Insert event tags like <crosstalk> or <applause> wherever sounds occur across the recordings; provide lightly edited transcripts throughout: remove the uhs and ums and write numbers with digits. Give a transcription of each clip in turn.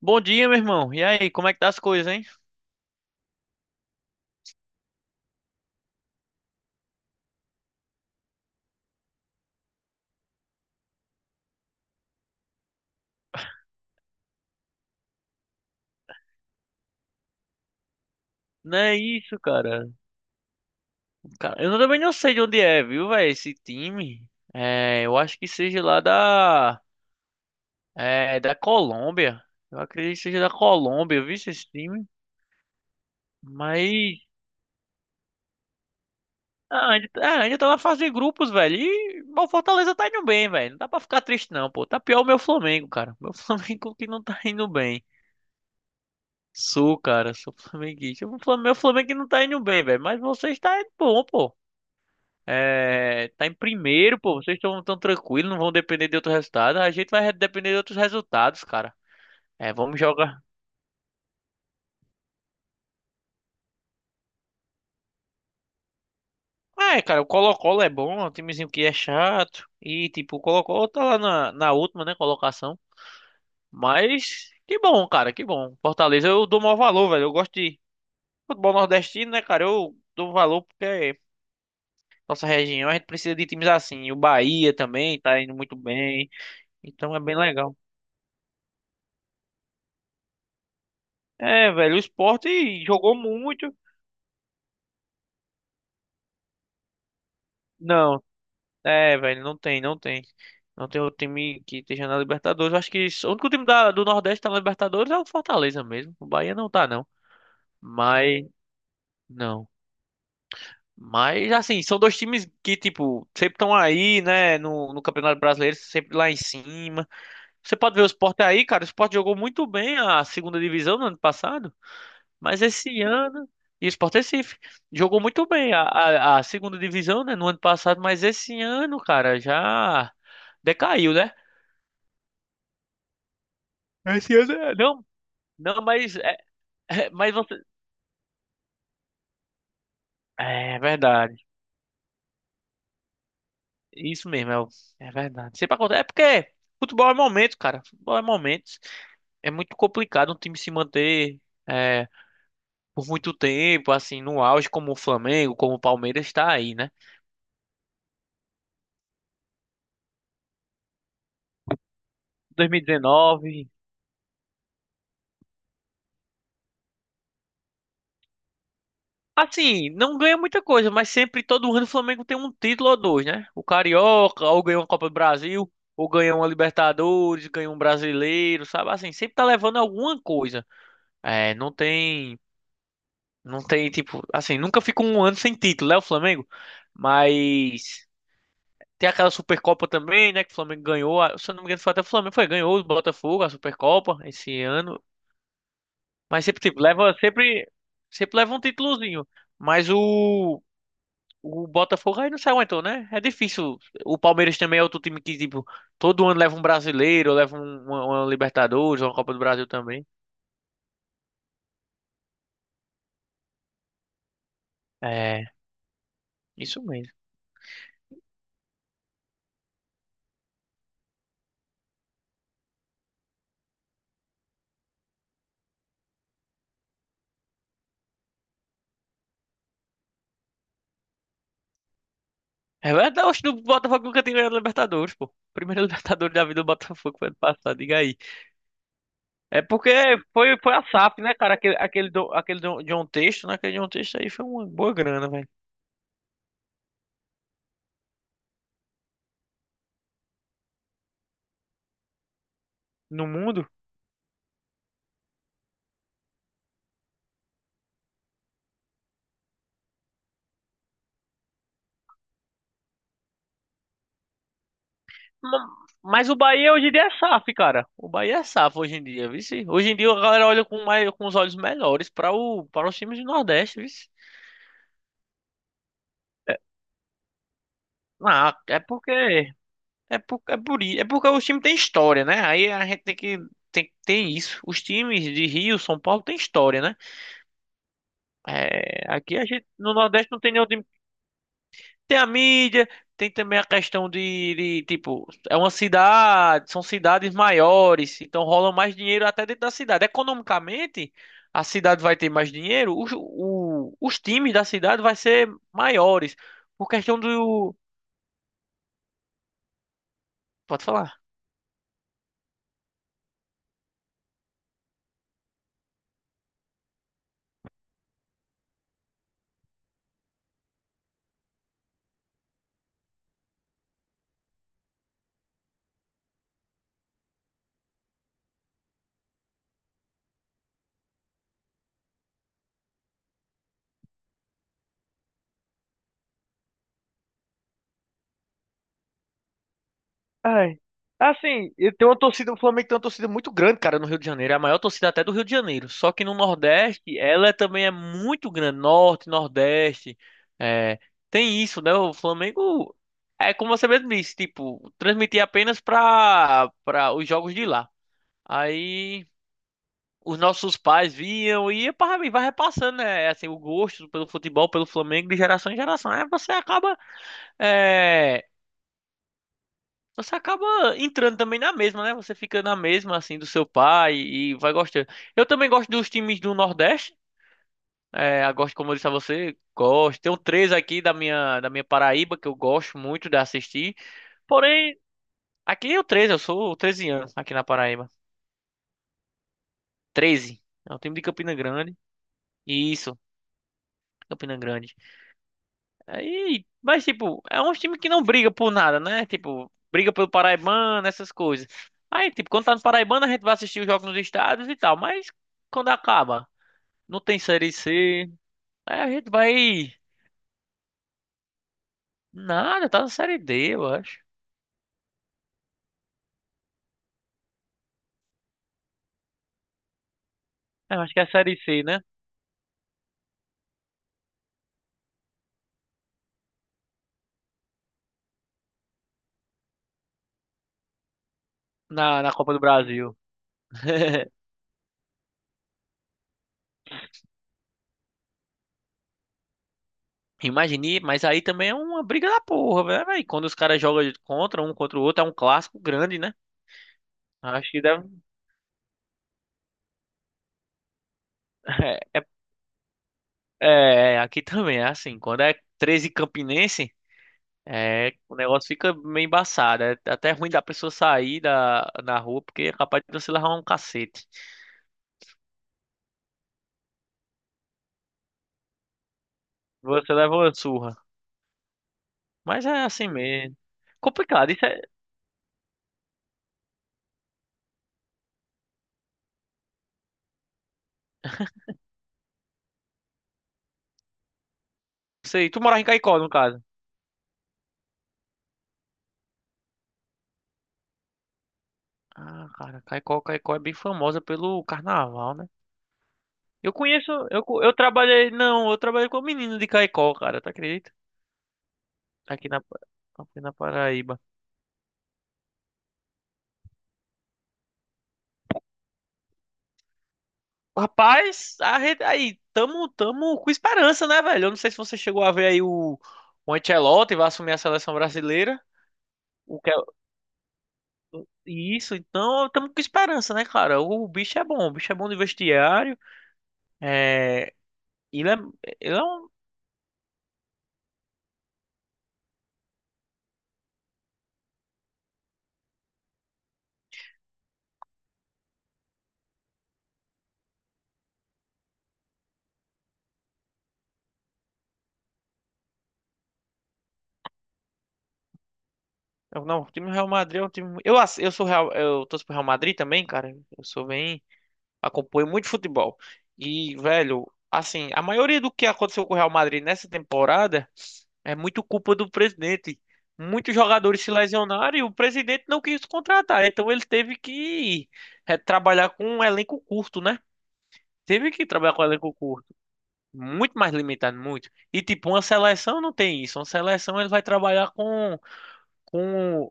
Bom dia, meu irmão. E aí, como é que tá as coisas, hein? Não é isso, cara. Cara, eu também não sei de onde é, viu, velho, esse time. É, eu acho que seja lá da Colômbia. Eu acredito que seja da Colômbia, viu, esse time. Mas, ainda tá na fase de grupos, velho. E bom, o Fortaleza tá indo bem, velho. Não dá pra ficar triste, não, pô. Tá pior o meu Flamengo, cara. Meu <laughs> Flamengo que não tá indo bem. Sou, cara, sou <laughs> flamenguista. O Meu Flamengo que não tá indo bem, velho. Mas vocês tá indo bom, pô. É, tá em primeiro, pô. Vocês estão tão tranquilos, não vão depender de outro resultado. A gente vai depender de outros resultados, cara. É, vamos jogar. É, cara, o Colo-Colo é bom, é um timezinho que é chato. E, tipo, o Colo-Colo tá lá na última, né, colocação. Mas, que bom, cara, que bom. Fortaleza, eu dou maior valor, velho. Eu gosto de futebol nordestino, né, cara? Eu dou valor porque é nossa região, a gente precisa de times assim. E o Bahia também tá indo muito bem. Então é bem legal. É, velho, o Sport jogou muito. Não. É, velho, não tem. Não tem outro time que esteja na Libertadores. Eu acho que o único time do Nordeste que tá na Libertadores é o Fortaleza mesmo. O Bahia não tá, não. Mas, não. Mas, assim, são dois times que, tipo, sempre estão aí, né, no Campeonato Brasileiro, sempre lá em cima. Você pode ver o Sport aí, cara. O Sport jogou muito bem a segunda divisão no ano passado, mas esse ano. E o Sport Recife jogou muito bem a segunda divisão, né, no ano passado, mas esse ano, cara, já decaiu, né? Esse eu não, não, não, mas, é, é, mas você. É, verdade. Isso mesmo, é, é verdade. Sempre acontece. É porque futebol é momento, cara. Futebol é momentos. É muito complicado um time se manter é, por muito tempo, assim, no auge, como o Flamengo, como o Palmeiras está aí, né? 2019. Assim, não ganha muita coisa, mas sempre, todo ano, o Flamengo tem um título ou dois, né? O Carioca, ou ganha uma Copa do Brasil, ou ganha uma Libertadores, ganha um Brasileiro, sabe? Assim, sempre tá levando alguma coisa. É, não tem tipo, assim, nunca fica um ano sem título, né, o Flamengo? Mas tem aquela Supercopa também, né, que o Flamengo ganhou, se eu não me engano, foi até o Flamengo, foi, ganhou o Botafogo, a Supercopa esse ano, mas sempre tipo, leva sempre leva um títulozinho. Mas o Botafogo aí não se aguentou, né? É difícil. O Palmeiras também é outro time que tipo, todo ano leva um brasileiro, leva um, uma Libertadores, uma Copa do Brasil também. É, isso mesmo. É verdade, oxe, o Botafogo nunca tinha ganhado Libertadores, pô. Primeiro <laughs> Libertadores da vida do Botafogo foi ano passado, diga aí. É porque foi a SAF, né, cara? Aquele do John Texto, né? Aquele John Texto aí foi uma boa grana, velho. No mundo. Ma- Mas o Bahia hoje em dia é SAF, cara. O Bahia é SAF hoje em dia, vice. Hoje em dia a galera olha com, mais, com os olhos melhores para o, para os times do Nordeste, vice. Ah, é porque. É porque os times têm história, né? Aí a gente tem que. Tem isso. Os times de Rio, São Paulo, têm história, né? É, aqui a gente no Nordeste não tem nenhum time. Tem a mídia, tem também a questão de, tipo, é uma cidade, são cidades maiores, então rola mais dinheiro até dentro da cidade. Economicamente, a cidade vai ter mais dinheiro, os times da cidade vai ser maiores. Por questão do. Pode falar. Ai. Assim, e tem uma torcida, o Flamengo tem uma torcida muito grande, cara, no Rio de Janeiro. É a maior torcida até do Rio de Janeiro. Só que no Nordeste, ela é também é muito grande. Norte, Nordeste. É, tem isso, né? O Flamengo é como você mesmo disse, tipo, transmitia apenas pra os jogos de lá. Aí os nossos pais viam e ia e vai repassando, né? Assim, o gosto pelo futebol, pelo Flamengo, de geração em geração. Aí você acaba. é, Você acaba entrando também na mesma, né? Você fica na mesma, assim, do seu pai e vai gostando. Eu também gosto dos times do Nordeste. É, eu gosto, como eu disse a você, gosto. Tem um três aqui da minha Paraíba que eu gosto muito de assistir. Porém, aqui é o 13, eu sou 13 anos aqui na Paraíba. Treze, é o time de Campina Grande. Isso, Campina Grande. Aí, mas tipo, é um time que não briga por nada, né? Tipo, briga pelo Paraibano, essas coisas. Aí, tipo, quando tá no Paraibano, a gente vai assistir os jogos nos estádios e tal, mas quando acaba, não tem Série C, aí a gente vai. Nada, tá na Série D, eu acho. É, eu acho que é a Série C, né? Na Copa do Brasil. <laughs> Imagine, mas aí também é uma briga da porra, né, velho. Aí quando os caras jogam contra um contra o outro, é um clássico grande, né? Acho que deve. <laughs> É, aqui também é assim. Quando é 13 Campinense, o negócio fica meio embaçado. É até ruim da pessoa sair da, na rua, porque é capaz de você levar um cacete. Você leva uma surra. Mas é assim mesmo. Complicado, isso é. Sei. Tu morava em Caicó, no caso. Ah, cara, Caicó, Caicó é bem famosa pelo carnaval, né? Eu conheço, eu trabalhei, não, eu trabalhei com um menino de Caicó, cara, tu acredita? Aqui na, Pa- aqui na Paraíba. Rapaz, aí, tamo com esperança, né, velho? Eu não sei se você chegou a ver aí o Ancelotti vai assumir a seleção brasileira. O que é- isso, então tamo com esperança, né, cara? O bicho é bom, o bicho é bom de vestiário. É, ele é, ele é um. Não, o time do Real Madrid é um time. Eu sou Real, eu torço pro Real Madrid também, cara. Eu sou bem. Acompanho muito futebol. E, velho, assim, a maioria do que aconteceu com o Real Madrid nessa temporada. É muito culpa do presidente. Muitos jogadores se lesionaram e o presidente não quis contratar. Então ele teve que trabalhar com um elenco curto, né? Teve que trabalhar com um elenco curto. Muito mais limitado, muito. E tipo, uma seleção não tem isso. Uma seleção ele vai trabalhar com, com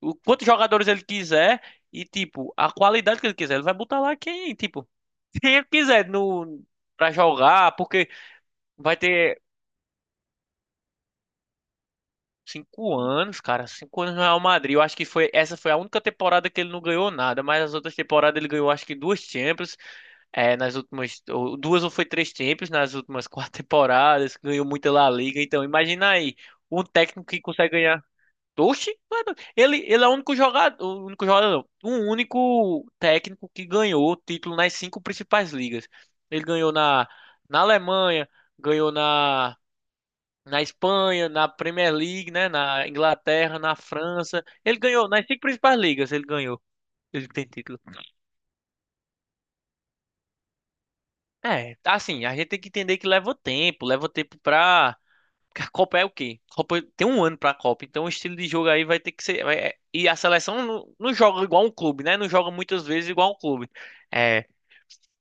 quantos jogadores ele quiser e tipo, a qualidade que ele quiser. Ele vai botar lá quem, tipo, <laughs> quem ele quiser no, pra jogar, porque vai ter. 5 anos, cara. 5 anos no Real Madrid. Eu acho que foi essa foi a única temporada que ele não ganhou nada, mas as outras temporadas ele ganhou acho que duas Champions, nas últimas ou duas ou foi três Champions nas últimas <laughs> quatro temporadas. Ganhou muita La Liga. Então imagina aí um técnico que consegue ganhar. Oxi, mano, ele é o único jogador, não, um único técnico que ganhou o título nas cinco principais ligas. Ele ganhou na Alemanha, ganhou na Espanha, na Premier League, né? Na Inglaterra, na França. Ele ganhou, nas cinco principais ligas ele ganhou. Ele tem título. É, assim, a gente tem que entender que leva tempo pra. Porque a Copa é o quê? A Copa tem um ano pra Copa, então o estilo de jogo aí vai ter que ser. E a seleção não joga igual um clube, né? Não joga muitas vezes igual um clube. É,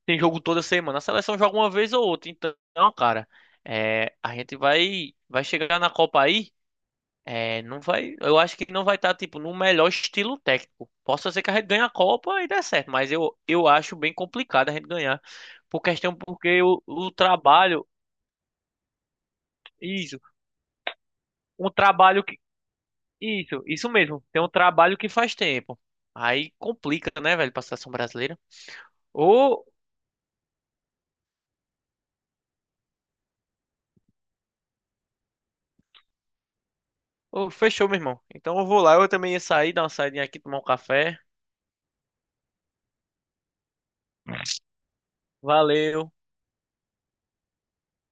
tem jogo toda semana. A seleção joga uma vez ou outra. Então, cara, a gente vai chegar na Copa aí. É, não vai. Eu acho que não vai estar, tipo, no melhor estilo técnico. Possa ser que a gente ganhe a Copa e dê certo, mas eu acho bem complicado a gente ganhar. Por questão, porque o trabalho. Isso. Um trabalho que. Isso mesmo. Tem um trabalho que faz tempo. Aí complica, né, velho, pra seleção brasileira. Ou. ou. Fechou, meu irmão. Então eu vou lá. Eu também ia sair, dar uma saidinha aqui, tomar um café. Valeu.